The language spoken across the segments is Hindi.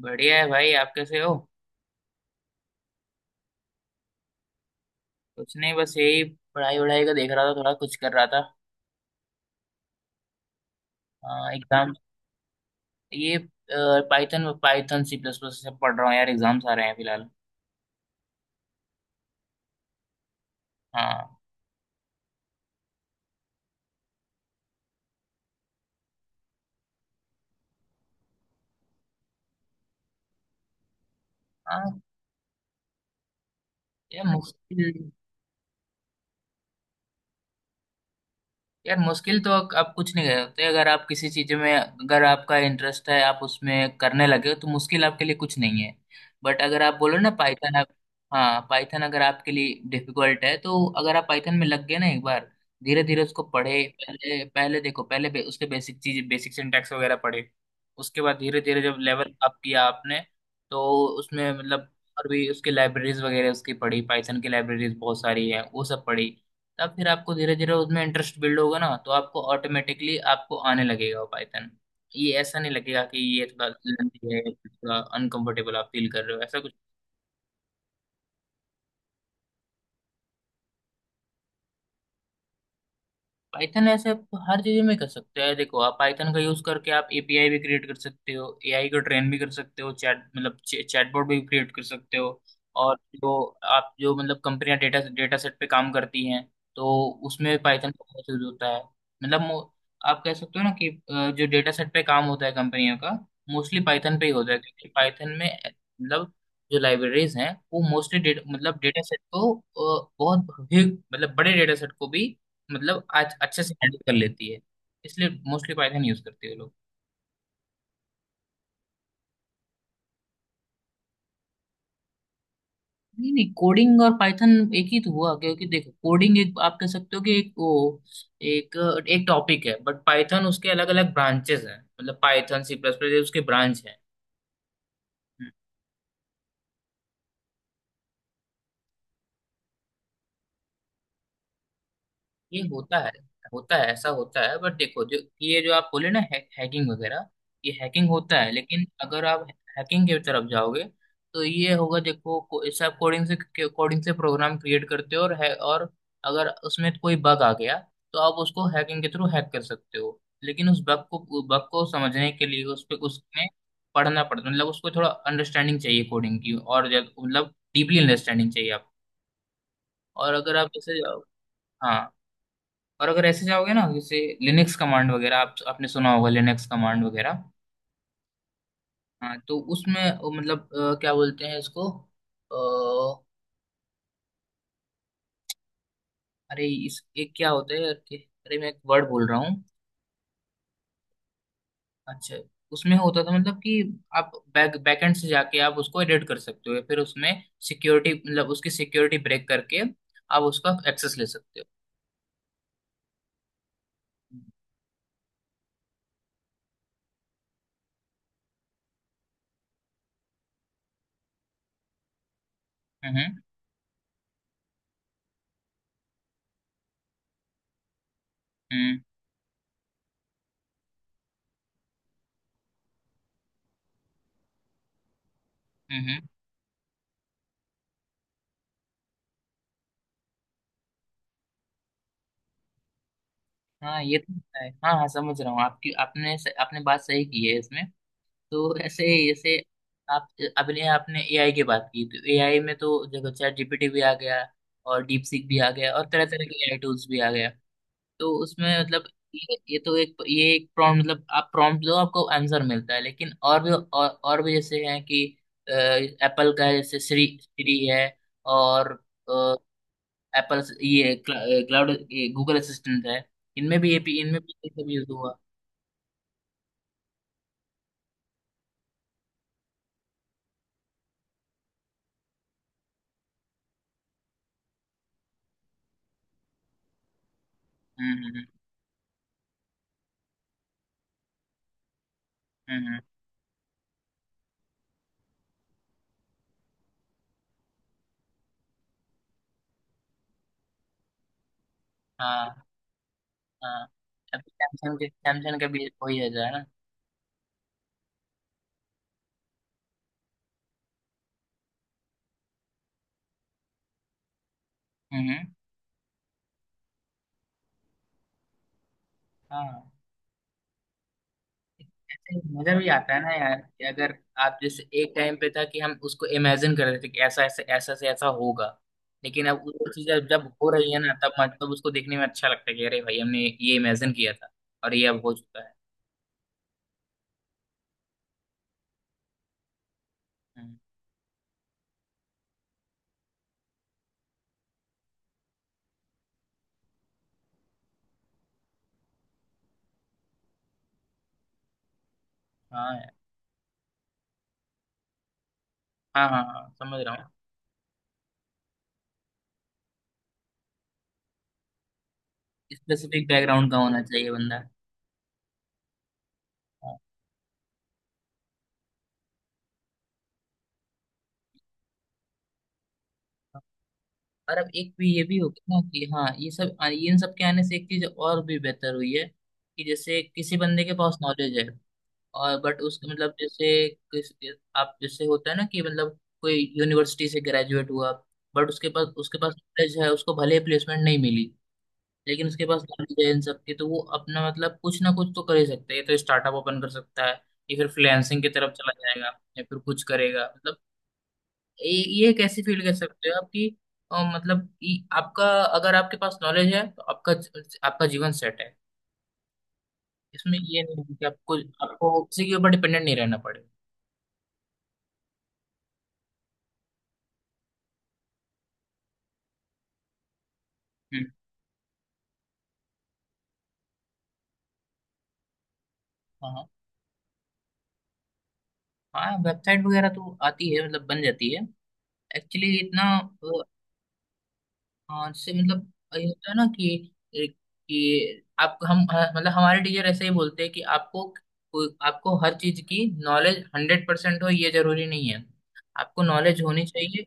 बढ़िया है भाई। आप कैसे हो? कुछ नहीं, बस यही। पढ़ाई वढ़ाई का देख रहा था, थोड़ा कुछ कर रहा था। एग्जाम। ये। Python Python, C plus plus, सब पढ़ रहा हूँ यार। एग्जाम्स आ रहे हैं फिलहाल। हाँ। हाँ। ये मुश्किल। यार, मुश्किल तो आप कुछ नहीं कर सकते। अगर आप किसी चीज में, अगर आपका इंटरेस्ट है, आप उसमें करने लगे हो, तो मुश्किल आपके लिए कुछ नहीं है। बट अगर आप बोलो ना पाइथन आप। हाँ। पाइथन अगर आपके लिए डिफिकल्ट है, तो अगर आप पाइथन में लग गए ना एक बार, धीरे धीरे उसको पढ़े। पहले पहले देखो, उसके बेसिक चीज, बेसिक सिंटैक्स वगैरह पढ़े। उसके बाद धीरे धीरे जब लेवल अप किया आपने। तो उसमें मतलब। और भी उसकी लाइब्रेरीज वगैरह उसकी पढ़ी, पाइथन की लाइब्रेरीज बहुत सारी है, वो सब पढ़ी। तब फिर आपको धीरे धीरे उसमें इंटरेस्ट बिल्ड होगा ना, तो आपको ऑटोमेटिकली आपको आने लगेगा वो पाइथन। ये ऐसा नहीं लगेगा कि ये थोड़ा लंबी है, थोड़ा अनकंफर्टेबल आप फील कर रहे हो, ऐसा कुछ। पाइथन ऐसे आप हर चीज में कर सकते हैं। देखो, आप पाइथन का यूज करके आप एपीआई भी क्रिएट कर सकते हो, एआई को ट्रेन भी कर सकते हो, चैट मतलब, चैटबॉट भी क्रिएट कर सकते हो। और जो आप, जो मतलब, कंपनियां डेटा डेटा सेट पे काम करती हैं, तो उसमें पाइथन का बहुत यूज होता है। मतलब आप कह सकते हो ना कि जो डेटा सेट पे काम होता है कंपनियों का, मोस्टली पाइथन पे ही होता है, क्योंकि पाइथन में मतलब, जो लाइब्रेरीज हैं वो मोस्टली, मतलब डेटा सेट को बहुत मतलब, बड़े डेटा सेट को भी मतलब आज अच्छे से हैंडल कर लेती है। इसलिए मोस्टली पाइथन यूज करते हैं लोग। नहीं नहीं, कोडिंग और पाइथन एक ही तो हुआ, क्योंकि देखो, कोडिंग एक, आप कह सकते हो कि एक वो, एक एक टॉपिक है। बट पाइथन उसके अलग अलग ब्रांचेस हैं, मतलब पाइथन, सी प्लस प्लस उसके ब्रांच हैं। ये होता है, होता है, ऐसा होता है। बट देखो, जो ये जो आप बोले ना है, हैकिंग वगैरह, ये हैकिंग होता है, लेकिन अगर आप हैकिंग की तरफ जाओगे तो ये होगा। देखो, इससे आप कोडिंग से प्रोग्राम क्रिएट करते हो, और है, और अगर उसमें कोई बग आ गया, तो आप उसको हैकिंग के थ्रू हैक कर सकते हो। लेकिन उस बग को समझने के लिए उस पे उसमें पढ़ना पड़ता है, मतलब उसको थोड़ा अंडरस्टैंडिंग चाहिए कोडिंग की। और मतलब, डीपली अंडरस्टैंडिंग चाहिए आप। और अगर आप जैसे, हाँ, और अगर ऐसे जाओगे ना, जैसे लिनक्स कमांड वगैरह, आप आपने सुना होगा, लिनक्स कमांड वगैरह। हाँ। तो उसमें वो मतलब, क्या बोलते हैं इसको। अ, अरे, इस एक क्या होता है यार, कि अरे, मैं एक वर्ड बोल रहा हूँ। अच्छा। उसमें होता था मतलब कि, आप बैकएंड से जाके आप उसको एडिट कर सकते हो, या फिर उसमें सिक्योरिटी, मतलब उसकी सिक्योरिटी ब्रेक करके आप उसका एक्सेस ले सकते हो। हम्म। हम्म। हम्म। हम्म। हम्म। हाँ, ये तो होता है। हाँ हाँ, समझ रहा हूँ। आपकी आपने आपने बात सही की है इसमें। तो ऐसे ही जैसे, आप अपने आपने एआई की बात की, तो एआई में तो देखो, चैट जीपीटी भी आ गया, और डीप सीक भी आ गया, और तरह तरह के एआई टूल्स भी आ गया। तो उसमें मतलब, ये तो एक, ये एक प्रॉम्प्ट मतलब, आप प्रॉम्प्ट दो, आपको आंसर मिलता है। लेकिन और भी जैसे हैं कि, एप्पल का है, जैसे श्री श्री है। और, एप्पल ये क्लाउड, गूगल असिस्टेंट है। इनमें भी ये सब यूज हुआ। हम्म। हम्म। हम्म। हम्म। हाँ। हाँ। अभी सैमसंग का भी वही है जो, है ना। हम्म। हाँ, ऐसे ही मजा भी आता है ना यार, कि अगर आप जैसे, एक टाइम पे था कि हम उसको इमेजिन कर रहे थे कि ऐसा ऐसे, ऐसा से ऐसा होगा, लेकिन अब वो चीजें जब हो रही है ना, तब मतलब उसको देखने में अच्छा लगता है कि अरे भाई, हमने ये इमेजिन किया था, और ये अब हो चुका है। हम्म। हाँ यार। हाँ, हाँ, हाँ, समझ रहा हूँ। स्पेसिफिक बैकग्राउंड का होना चाहिए बंदा। और अब एक भी ये भी हो गया ना कि हाँ, ये सब इन सब के आने से एक चीज और भी बेहतर हुई है, कि जैसे किसी बंदे के पास नॉलेज है, और बट उसके मतलब, जैसे किस आप जैसे होता है ना कि, मतलब कोई यूनिवर्सिटी से ग्रेजुएट हुआ, बट उसके पास नॉलेज है, उसको भले प्लेसमेंट नहीं मिली, लेकिन उसके पास नॉलेज है इन सब की, तो वो अपना, मतलब, कुछ ना कुछ तो कर ही सकता है। ये तो स्टार्टअप ओपन कर सकता है, या फिर फ्रीलांसिंग की तरफ चला जाएगा, या फिर कुछ करेगा, मतलब, ये ये एक ऐसी फील्ड कह सकते हो आपकी, मतलब ये आपका, अगर आपके पास नॉलेज है तो आपका, आपका जीवन सेट है। इसमें ये नहीं है कि आपको, आपको किसी के ऊपर डिपेंडेंट नहीं रहना पड़े। हम्म। हाँ। हाँ, वेबसाइट वगैरह तो आती है, मतलब बन जाती है। एक्चुअली इतना। हाँ, जैसे मतलब, ये होता है ना कि आप, हम मतलब, हमारे टीचर ऐसे ही बोलते हैं कि आपको आपको हर चीज की नॉलेज 100% हो, ये जरूरी नहीं है। आपको नॉलेज होनी चाहिए।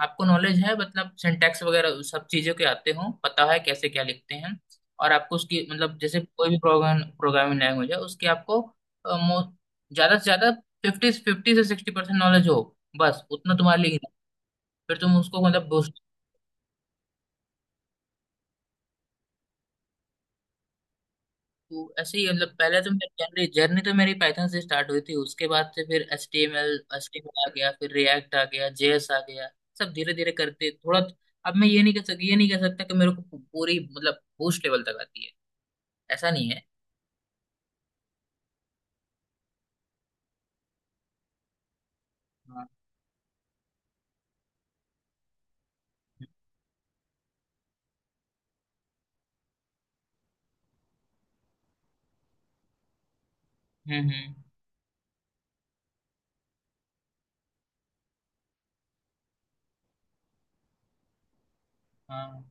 आपको नॉलेज है, मतलब सिंटैक्स वगैरह सब चीजों के आते हो, पता है कैसे क्या लिखते हैं। और आपको उसकी मतलब, जैसे कोई भी प्रोग्राम, प्रोग्रामिंग लैंग्वेज है, उसकी आपको अ, मो- ज्यादा से ज्यादा फिफ्टी फिफ्टी से 60% नॉलेज हो, बस उतना तुम्हारे लिए ही है। फिर तुम उसको मतलब, तो ऐसे ही मतलब, पहले तो मेरी जर्नी जर्नी तो मेरी पाइथन से स्टार्ट हुई थी, उसके बाद से फिर एच टी एम एल आ गया, फिर रिएक्ट आ गया, जेएस आ गया, सब धीरे धीरे करते थोड़ा। अब मैं ये नहीं कह सक ये नहीं कह सकता कि मेरे को पूरी मतलब बूस्ट लेवल तक आती है, ऐसा नहीं है। हाँ। हम्म। हम्म। हाँ,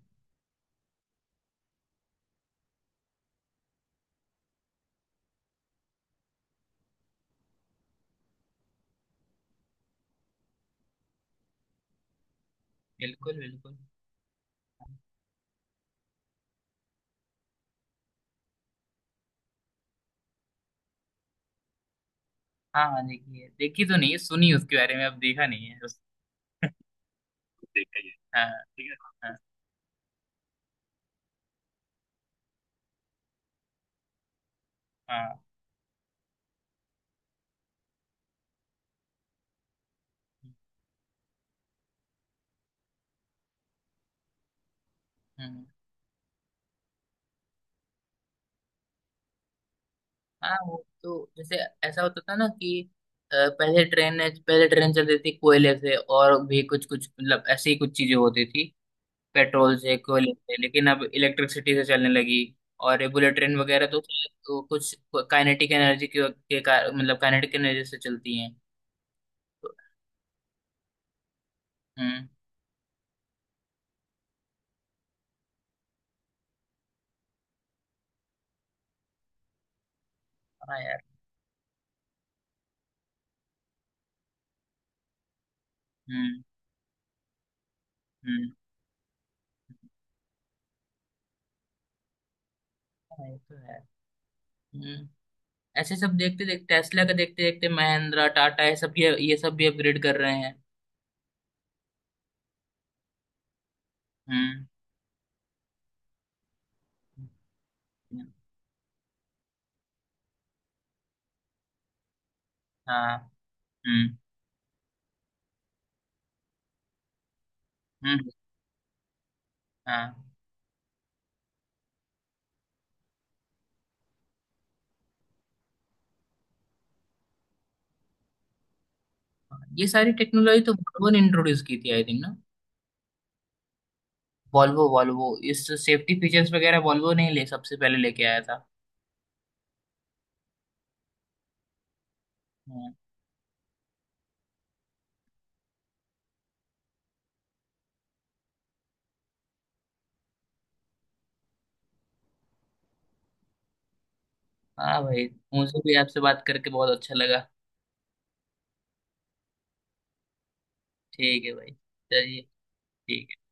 बिल्कुल बिल्कुल। हाँ हाँ, देखी है, देखी तो नहीं है, सुनी उसके बारे में, अब देखा नहीं है उस। देखा ही है हाँ, ठीक है। हाँ, हाँ, हाँ। हम्म। हाँ, वो तो जैसे, ऐसा होता था ना कि, अ, पहले ट्रेन पहले ट्रेन चलती थी कोयले से और भी कुछ कुछ, मतलब ऐसी ही कुछ चीजें होती थी, पेट्रोल से, कोयले से, लेकिन अब इलेक्ट्रिसिटी से चलने लगी। और ये बुलेट ट्रेन वगैरह तो कुछ काइनेटिक एनर्जी के का, मतलब काइनेटिक एनर्जी से चलती हैं। तो, हम्म। हाँ यार। हम्म। हम्म। हाँ, ये तो है। हम्म। ऐसे सब देखते देखते टेस्ला का, देखते देखते महिंद्रा, टाटा, ये सब, ये सब भी अपग्रेड कर रहे हैं। हम्म। हम्म। हाँ। हम्म। हम्म। हाँ। ये सारी टेक्नोलॉजी तो वॉल्वो ने इंट्रोड्यूस की थी आई थिंक ना। वॉल्वो वॉल्वो, इस सेफ्टी फीचर्स वगैरह वॉल्वो ने ही ले सबसे पहले लेके आया था। हाँ। हाँ भाई, मुझे भी आपसे बात करके बहुत अच्छा लगा। ठीक है भाई, चलिए। ठीक है।